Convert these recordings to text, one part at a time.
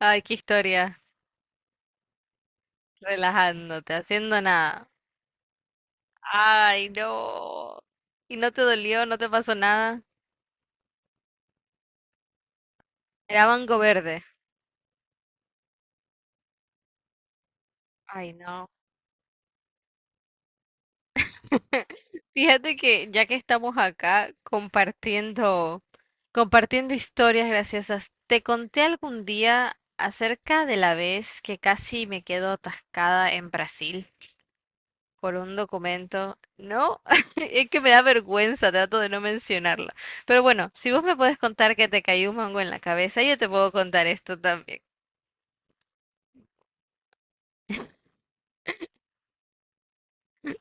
Ay, qué historia. Relajándote, haciendo nada. Ay, no. ¿Y no te dolió? ¿No te pasó nada? Era mango verde. Ay, no. Fíjate que ya que estamos acá compartiendo historias graciosas, te conté algún día acerca de la vez que casi me quedo atascada en Brasil por un documento. No, es que me da vergüenza, trato de no mencionarlo. Pero bueno, si vos me puedes contar que te cayó un mango en la cabeza, yo te puedo contar esto también.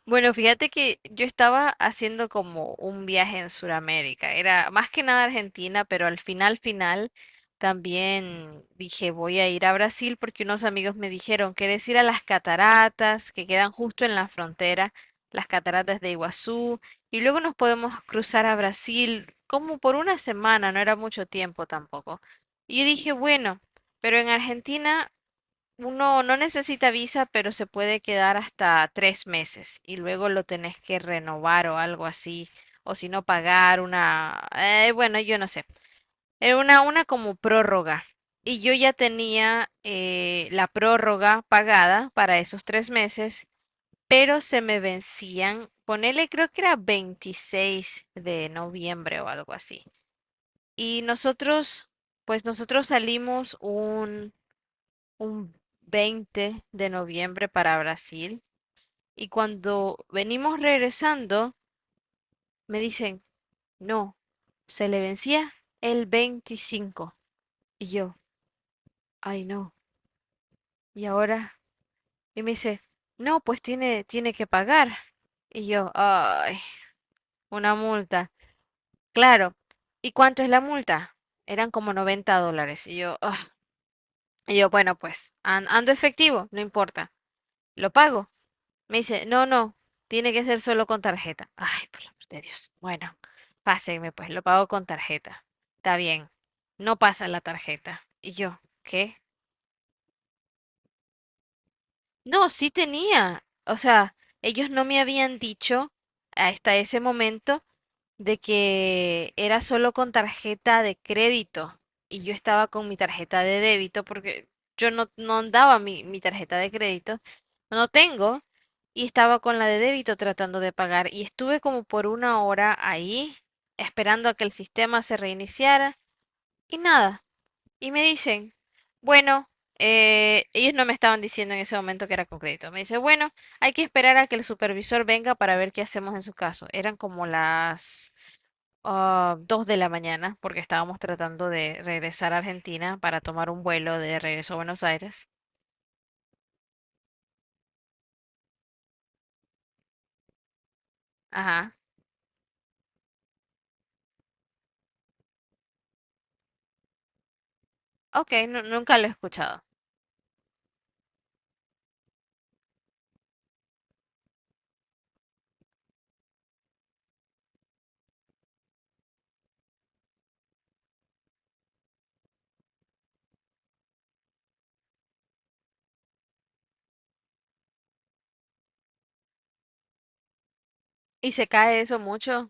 Bueno, fíjate que yo estaba haciendo como un viaje en Sudamérica. Era más que nada Argentina, pero al final, final, también dije voy a ir a Brasil porque unos amigos me dijeron, ¿quieres ir a las cataratas que quedan justo en la frontera, las cataratas de Iguazú? Y luego nos podemos cruzar a Brasil como por una semana, no era mucho tiempo tampoco. Y yo dije, bueno, pero en Argentina... Uno no necesita visa, pero se puede quedar hasta 3 meses y luego lo tenés que renovar o algo así, o si no pagar una, bueno, yo no sé, era una como prórroga. Y yo ya tenía la prórroga pagada para esos 3 meses, pero se me vencían, ponele creo que era 26 de noviembre o algo así. Y nosotros, pues nosotros salimos un 20 de noviembre para Brasil y cuando venimos regresando me dicen, no, se le vencía el 25 y yo, ay no, y ahora, y me dice, no, pues tiene que pagar y yo, ay, una multa, claro, ¿y cuánto es la multa? Eran como $90 y yo, ah, y yo, bueno, pues ando efectivo, no importa, lo pago. Me dice, no, no, tiene que ser solo con tarjeta. Ay, por el amor de Dios. Bueno, pásenme pues, lo pago con tarjeta. Está bien, no pasa la tarjeta. Y yo, ¿qué? No, sí tenía. O sea, ellos no me habían dicho hasta ese momento de que era solo con tarjeta de crédito y yo estaba con mi tarjeta de débito porque yo no andaba mi tarjeta de crédito, no tengo, y estaba con la de débito tratando de pagar y estuve como por una hora ahí esperando a que el sistema se reiniciara y nada, y me dicen, bueno, ellos no me estaban diciendo en ese momento que era con crédito, me dice, bueno, hay que esperar a que el supervisor venga para ver qué hacemos en su caso, eran como las 2 de la mañana, porque estábamos tratando de regresar a Argentina para tomar un vuelo de regreso a Buenos Aires. Ajá. Ok, nunca lo he escuchado. ¿Y se cae eso mucho?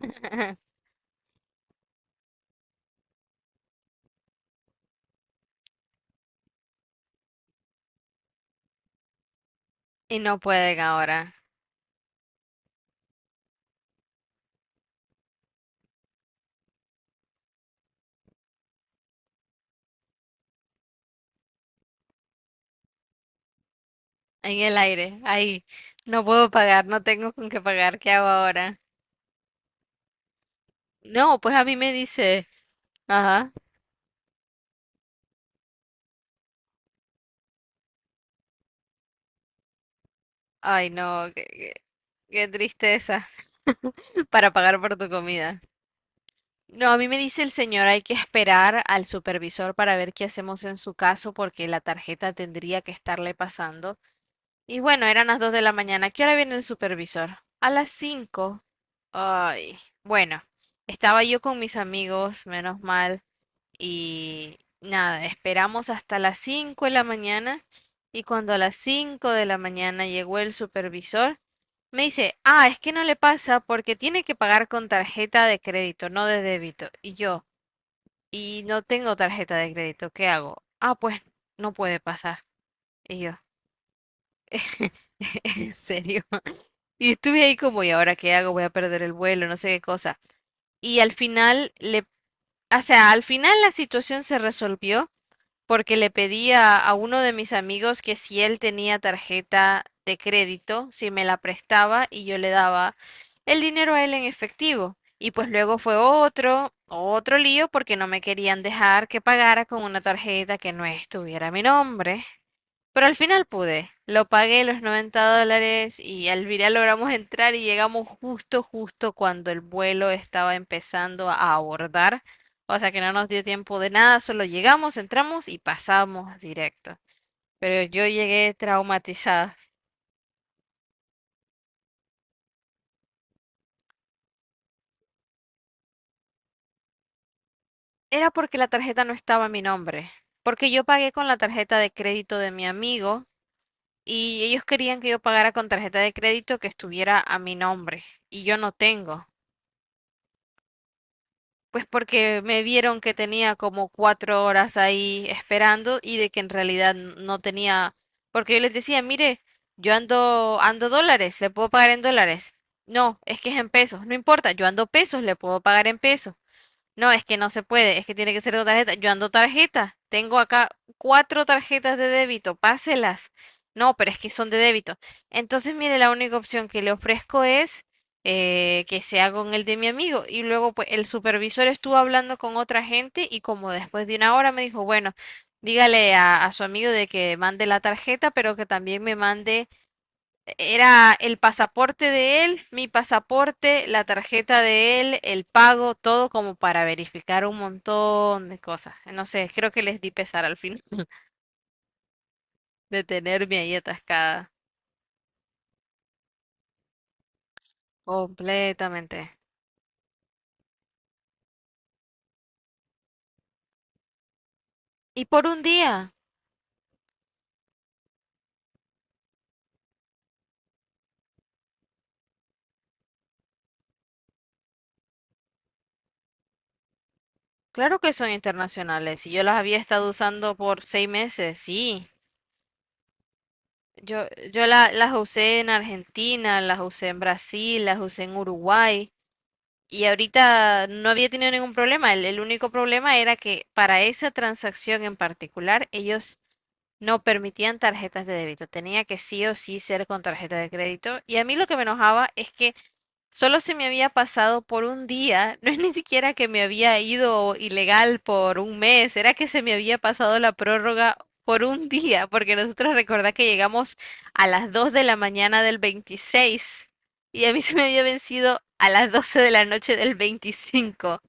Y no pueden ahora. En el aire, ahí. No puedo pagar, no tengo con qué pagar. ¿Qué hago ahora? No, pues a mí me dice. Ajá. Ay, no, qué tristeza para pagar por tu comida. No, a mí me dice el señor, hay que esperar al supervisor para ver qué hacemos en su caso porque la tarjeta tendría que estarle pasando. Y bueno, eran las 2 de la mañana. ¿Qué hora viene el supervisor? A las 5. Ay, bueno, estaba yo con mis amigos, menos mal, y nada, esperamos hasta las 5 de la mañana y cuando a las 5 de la mañana llegó el supervisor, me dice, ah, es que no le pasa porque tiene que pagar con tarjeta de crédito, no de débito. Y yo y no tengo tarjeta de crédito, ¿qué hago? Ah, pues no puede pasar. Y yo, en serio. Y estuve ahí como, ¿y ahora qué hago? Voy a perder el vuelo, no sé qué cosa. Y al final le, o sea, al final la situación se resolvió porque le pedía a uno de mis amigos que si él tenía tarjeta de crédito, si me la prestaba y yo le daba el dinero a él en efectivo. Y pues luego fue otro lío porque no me querían dejar que pagara con una tarjeta que no estuviera a mi nombre. Pero al final pude. Lo pagué los $90 y al final logramos entrar y llegamos justo, justo cuando el vuelo estaba empezando a abordar. O sea que no nos dio tiempo de nada, solo llegamos, entramos y pasamos directo. Pero yo llegué traumatizada. Era porque la tarjeta no estaba a mi nombre. Porque yo pagué con la tarjeta de crédito de mi amigo y ellos querían que yo pagara con tarjeta de crédito que estuviera a mi nombre. Y yo no tengo. Pues porque me vieron que tenía como 4 horas ahí esperando y de que en realidad no tenía, porque yo les decía, mire, yo ando dólares, le puedo pagar en dólares. No, es que es en pesos, no importa, yo ando pesos, le puedo pagar en pesos. No, es que no se puede, es que tiene que ser con tarjeta. Yo ando tarjeta, tengo acá cuatro tarjetas de débito, páselas. No, pero es que son de débito. Entonces, mire, la única opción que le ofrezco es que sea con el de mi amigo. Y luego, pues, el supervisor estuvo hablando con otra gente y como después de una hora me dijo, bueno, dígale a, su amigo de que mande la tarjeta, pero que también me mande era el pasaporte de él, mi pasaporte, la tarjeta de él, el pago, todo como para verificar un montón de cosas. No sé, creo que les di pesar al fin de tenerme ahí atascada. Completamente. Y por un día. Claro que son internacionales. Y yo las había estado usando por 6 meses, sí. Yo, yo las usé en Argentina, las usé en Brasil, las usé en Uruguay. Y ahorita no había tenido ningún problema. El único problema era que para esa transacción en particular, ellos no permitían tarjetas de débito. Tenía que sí o sí ser con tarjeta de crédito. Y a mí lo que me enojaba es que solo se me había pasado por un día, no es ni siquiera que me había ido ilegal por un mes, era que se me había pasado la prórroga por un día, porque nosotros recordá que llegamos a las 2 de la mañana del 26 y a mí se me había vencido a las 12 de la noche del 25,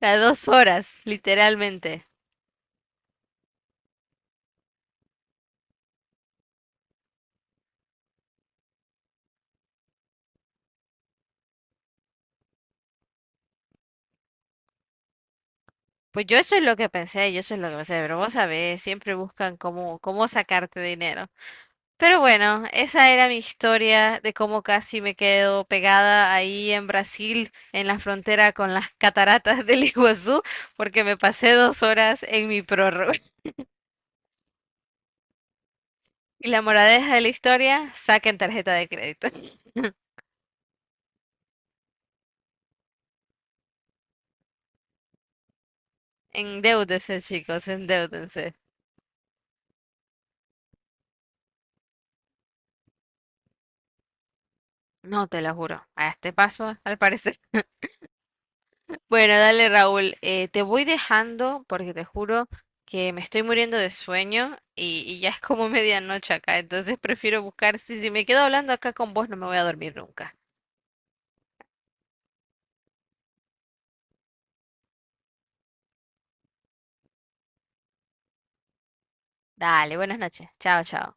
las 2 horas, literalmente. Pues yo eso es lo que pensé, yo eso es lo que pensé, pero vos sabés, siempre buscan cómo sacarte dinero. Pero bueno, esa era mi historia de cómo casi me quedo pegada ahí en Brasil, en la frontera con las cataratas del Iguazú, porque me pasé 2 horas en mi prórroga. Y la moraleja de la historia, saquen tarjeta de crédito. Endeúdense, chicos, endeúdense. No te lo juro. A este paso, al parecer. Bueno, dale Raúl, te voy dejando porque te juro que me estoy muriendo de sueño y ya es como medianoche acá, entonces prefiero buscar, si me quedo hablando acá con vos no me voy a dormir nunca. Dale, buenas noches, chao, chao.